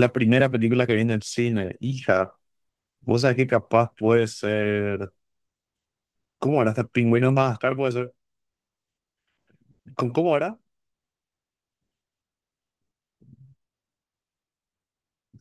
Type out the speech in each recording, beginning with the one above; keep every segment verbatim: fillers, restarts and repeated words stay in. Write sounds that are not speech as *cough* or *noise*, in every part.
La primera película que vi en el cine, hija, vos sabés que capaz puede ser. ¿Cómo era? Hasta Pingüinos Madagascar puede ser. ¿Con cómo era?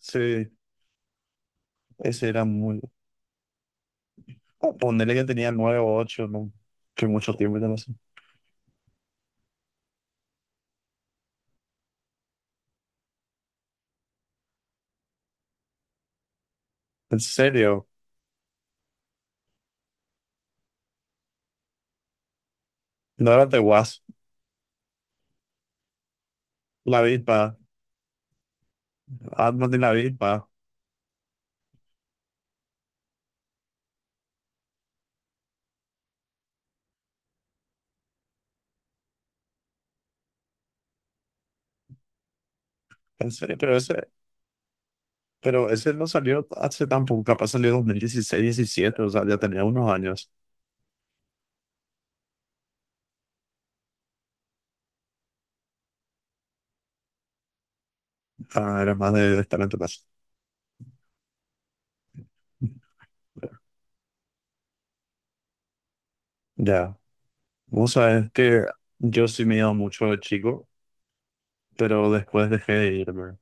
Sí, ese era muy. Oh, Ponele que tenía nueve o ocho, ¿no? Que mucho tiempo ya no sé. En serio, no era de Wasp, la avispa, Ant-Man de la avispa. En serio, pero ese, pero ese no salió hace tan poco, capaz salió en dos mil dieciséis, diecisiete, o sea, ya tenía unos años. Ah, era más de estar en tu casa. Ya, vos sabés que yo sí me he ido mucho de chico, pero después dejé de irme.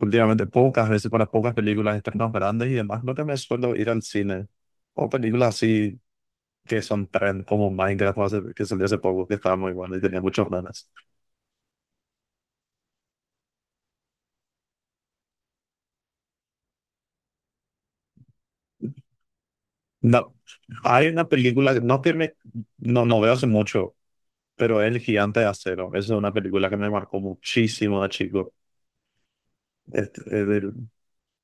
Últimamente pocas veces para pocas películas estrenos grandes y demás, no que me suelo ir al cine. O películas así que son trend, como Minecraft, o hace- que salió hace poco, que estaba muy bueno y tenía muchas ganas. No, hay una película, que no tiene no, no veo hace mucho, pero El Gigante de Acero. Esa es una película que me marcó muchísimo de chico. Este, el,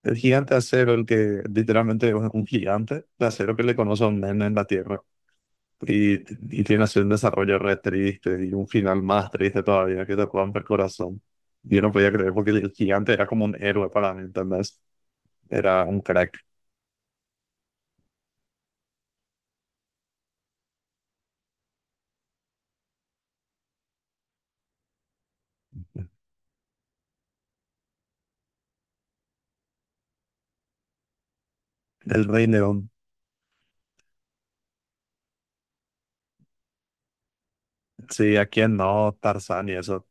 el- Gigante de Acero, el que literalmente es un un gigante de acero que le conoce a un nene en la Tierra. Y, y tiene así un desarrollo re triste y un final más triste todavía que te rompe el corazón. Yo no podía creer porque el gigante era como un héroe para mí, ¿entendés? Era un crack. El Rey León. Sí, ¿a quién no? Tarzán y eso.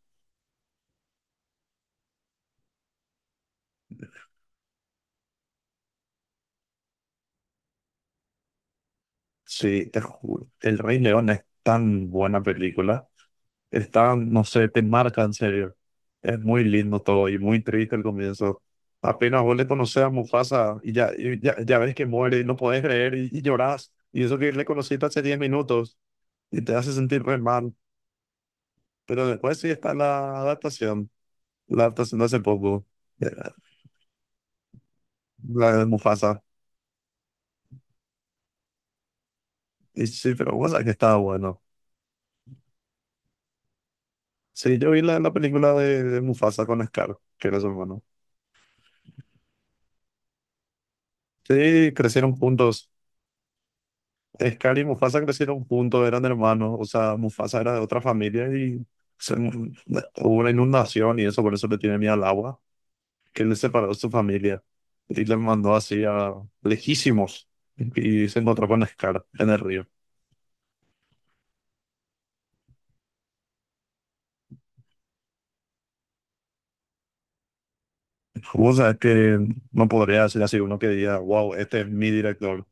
Sí, te juro. El Rey León es tan buena película. Están, no sé, te marca en serio. Es muy lindo todo y muy triste el comienzo. Apenas vos le conoces a Mufasa y ya, y ya, ya ves que muere y no podés creer y, y llorás. Y eso que le conociste hace diez minutos y te hace sentir re mal. Pero después sí está la adaptación. La adaptación de hace poco. eh, La de Mufasa. Y sí, pero bueno, que estaba bueno. Sí, yo vi la, la película de, de Mufasa con Scar, que era su hermano. Sí, crecieron juntos. Es y Mufasa crecieron juntos, eran hermanos, o sea, Mufasa era de otra familia y se- hubo una inundación y eso, por eso le tiene miedo al agua, que él le separó de su familia y le mandó así a lejísimos y se encontró con Scar en el río. O sea, es que no podría decir así uno que diga, wow, este es mi director,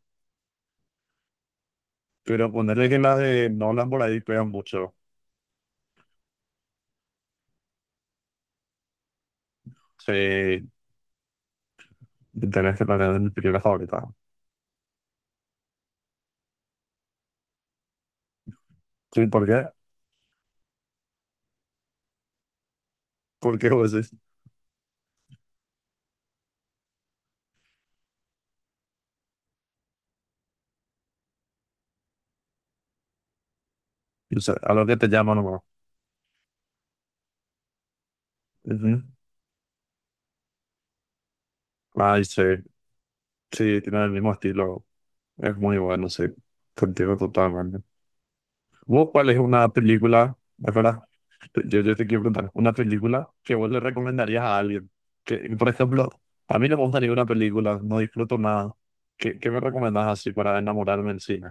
pero ponerle que la de Nolan por ahí pegan mucho, sí, tenés que tener mi película favorita. ¿Sí? ¿Por qué? ¿Por qué vos decís? O sea, a lo que te llama nomás. Ujú. Ay, sí, sí, tiene el mismo estilo. Es muy bueno, sí. Contigo totalmente. ¿Vos cuál es una película, es verdad, yo, yo te quiero preguntar, una película que vos le recomendarías a alguien. Que, por ejemplo, a mí no me gusta ninguna película, no disfruto nada. ¿Qué, qué me recomendás así para enamorarme en cine?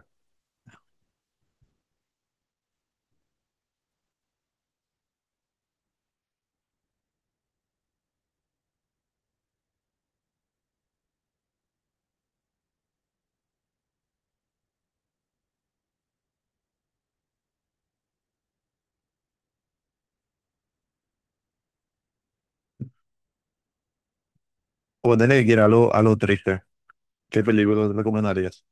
Ponele que quiera algo, algo triste. ¿Qué película te recomendarías?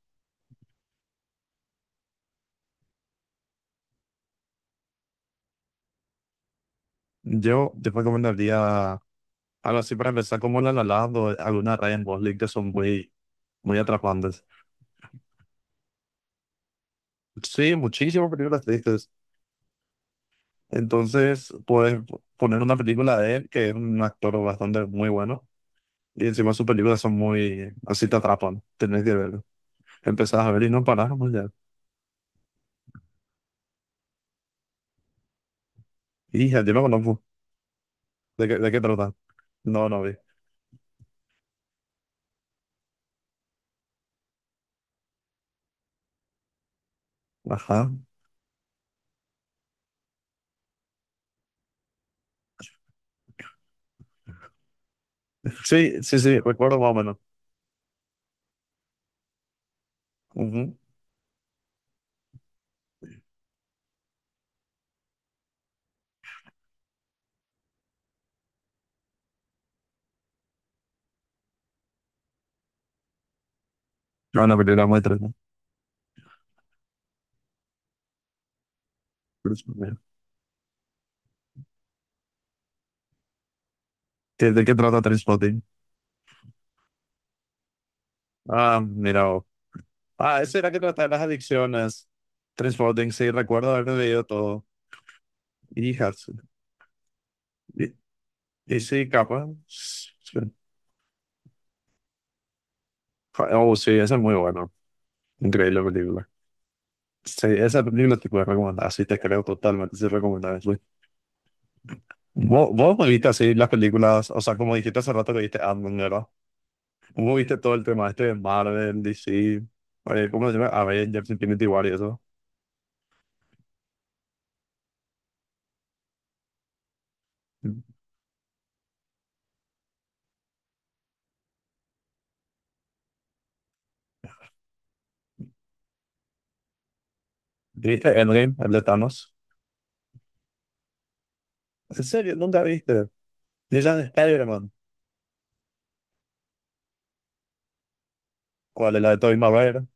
Yo te recomendaría algo así para empezar, como la La Land o alguna Rainbow League que son muy, muy atrapantes. Sí, muchísimas películas tristes. Entonces, puedes poner una película de él, que es un actor bastante muy bueno, y encima sus películas son muy, así te atrapan, tenés que verlo. Empezás a ver y no parás, pues ya. Y ya yo me conozco. ¿De qué, de qué trata? No, no vi. Ajá. Sí, sí, sí, recuerdo más o menos. Ujú. No, una película muy triste. ¿De de qué trata Trainspotting? Ah, mira, ah, eso era que tratar las adicciones. Transporting, sí, recuerdo haber leído todo. Y Hudson. Y, y sí, capaz. Sí. Oh, sí, esa es muy buena. Increíble película. Sí, esa película te puedo recomendar. Sí, te creo totalmente. Sí, recomendable. Sí. ¿Vos, vos me viste así las películas? O sea, como dijiste hace rato que viste Ant-Man, ¿verdad? ¿Cómo viste todo el tema este de Marvel, D C? Oye, ¿cómo se llama? Avengers, Infinity War y eso. ¿Viste Endgame, el de Thanos? ¿En serio? ¿Nunca viste? Ni la de spider. ¿Cuál es la de Tobey Maguire?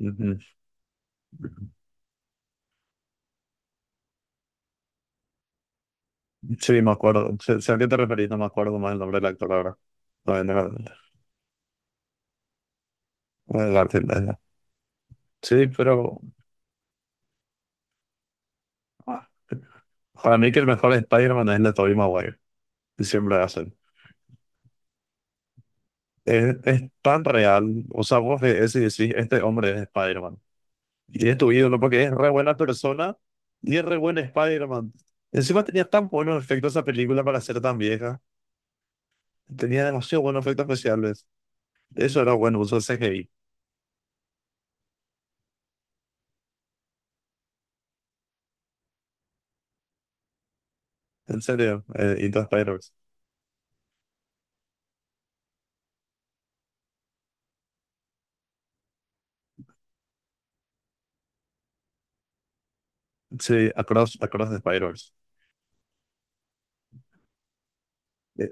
Ujú. Sí, me acuerdo. Sé, sé a qué te referís, no me acuerdo más el nombre del actor ahora. Todavía tengo el- el cartel de. Sí, pero ah, para mí que el mejor Spider-Man es el de Tobey Maguire. Que siempre hacen. Es, es tan real. O sea, vos ves y decís, este hombre es Spider-Man. Y es tu ídolo porque es re buena persona y es re buen Spider-Man. Encima tenía tan buenos efectos esa película para ser tan vieja. Tenía demasiado buenos efectos especiales. Eso era bueno, uso C G I. En serio, eh, y todo Spider-Verse. Sí, Across, Across the Spider-Verse. Eh,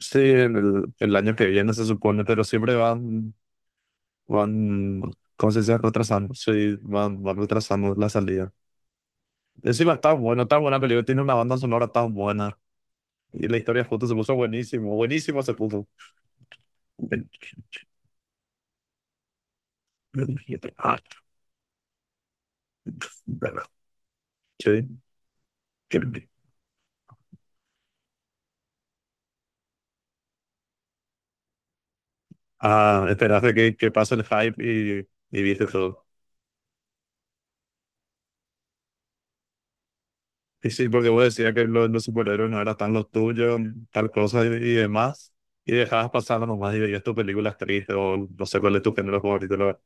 Sí, en el, el año que viene se supone, pero siempre van, van, ¿cómo se dice? Retrasando. Sí, van, van retrasando la salida. Encima está bueno, tan buena película, tiene una banda sonora tan buena. Y la historia justo se puso buenísimo, buenísimo se puso. Sí. Ah, esperaste que, que pase el hype y, y viste todo. Sí, sí, porque vos decías que los, los superhéroes no eran tan los tuyos, tal cosa y, y demás, y dejabas pasando nomás y veías tus películas tristes, o no sé cuál es tu género favorito, la verdad.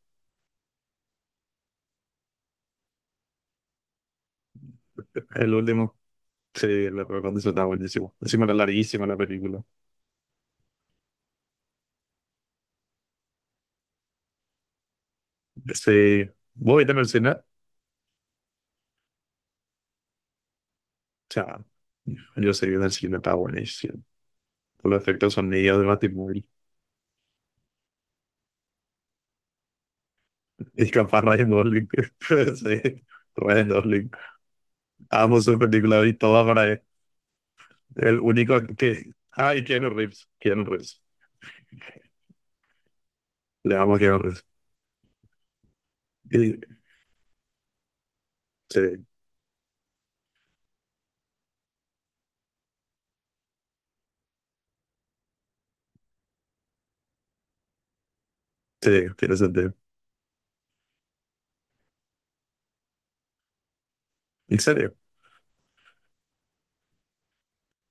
El último, sí, el recuerdo está buenísimo. Encima era larguísima la película. Sí, vos viste en el cine, o sea, yo sé que en el cine está buenísimo. Con los efectos sonidos de Batimóvil, y capaz Ryan Gosling, *laughs* sí, Ryan Gosling. Amo su película y toda para él. El único que. Ah, y Keanu Reeves, Keanu Reeves. Le vamos a quedar. Sí, sí, sí, tiene sentido. En serio,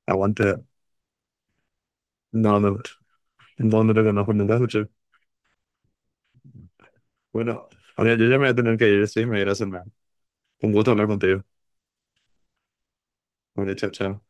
aguante. No, no, no, no, no, no, no, no, bueno, ahora yo ya me voy a tener que ir, sí, me voy a ir a cenar. Un gusto hablar contigo. Bueno, chao, chao.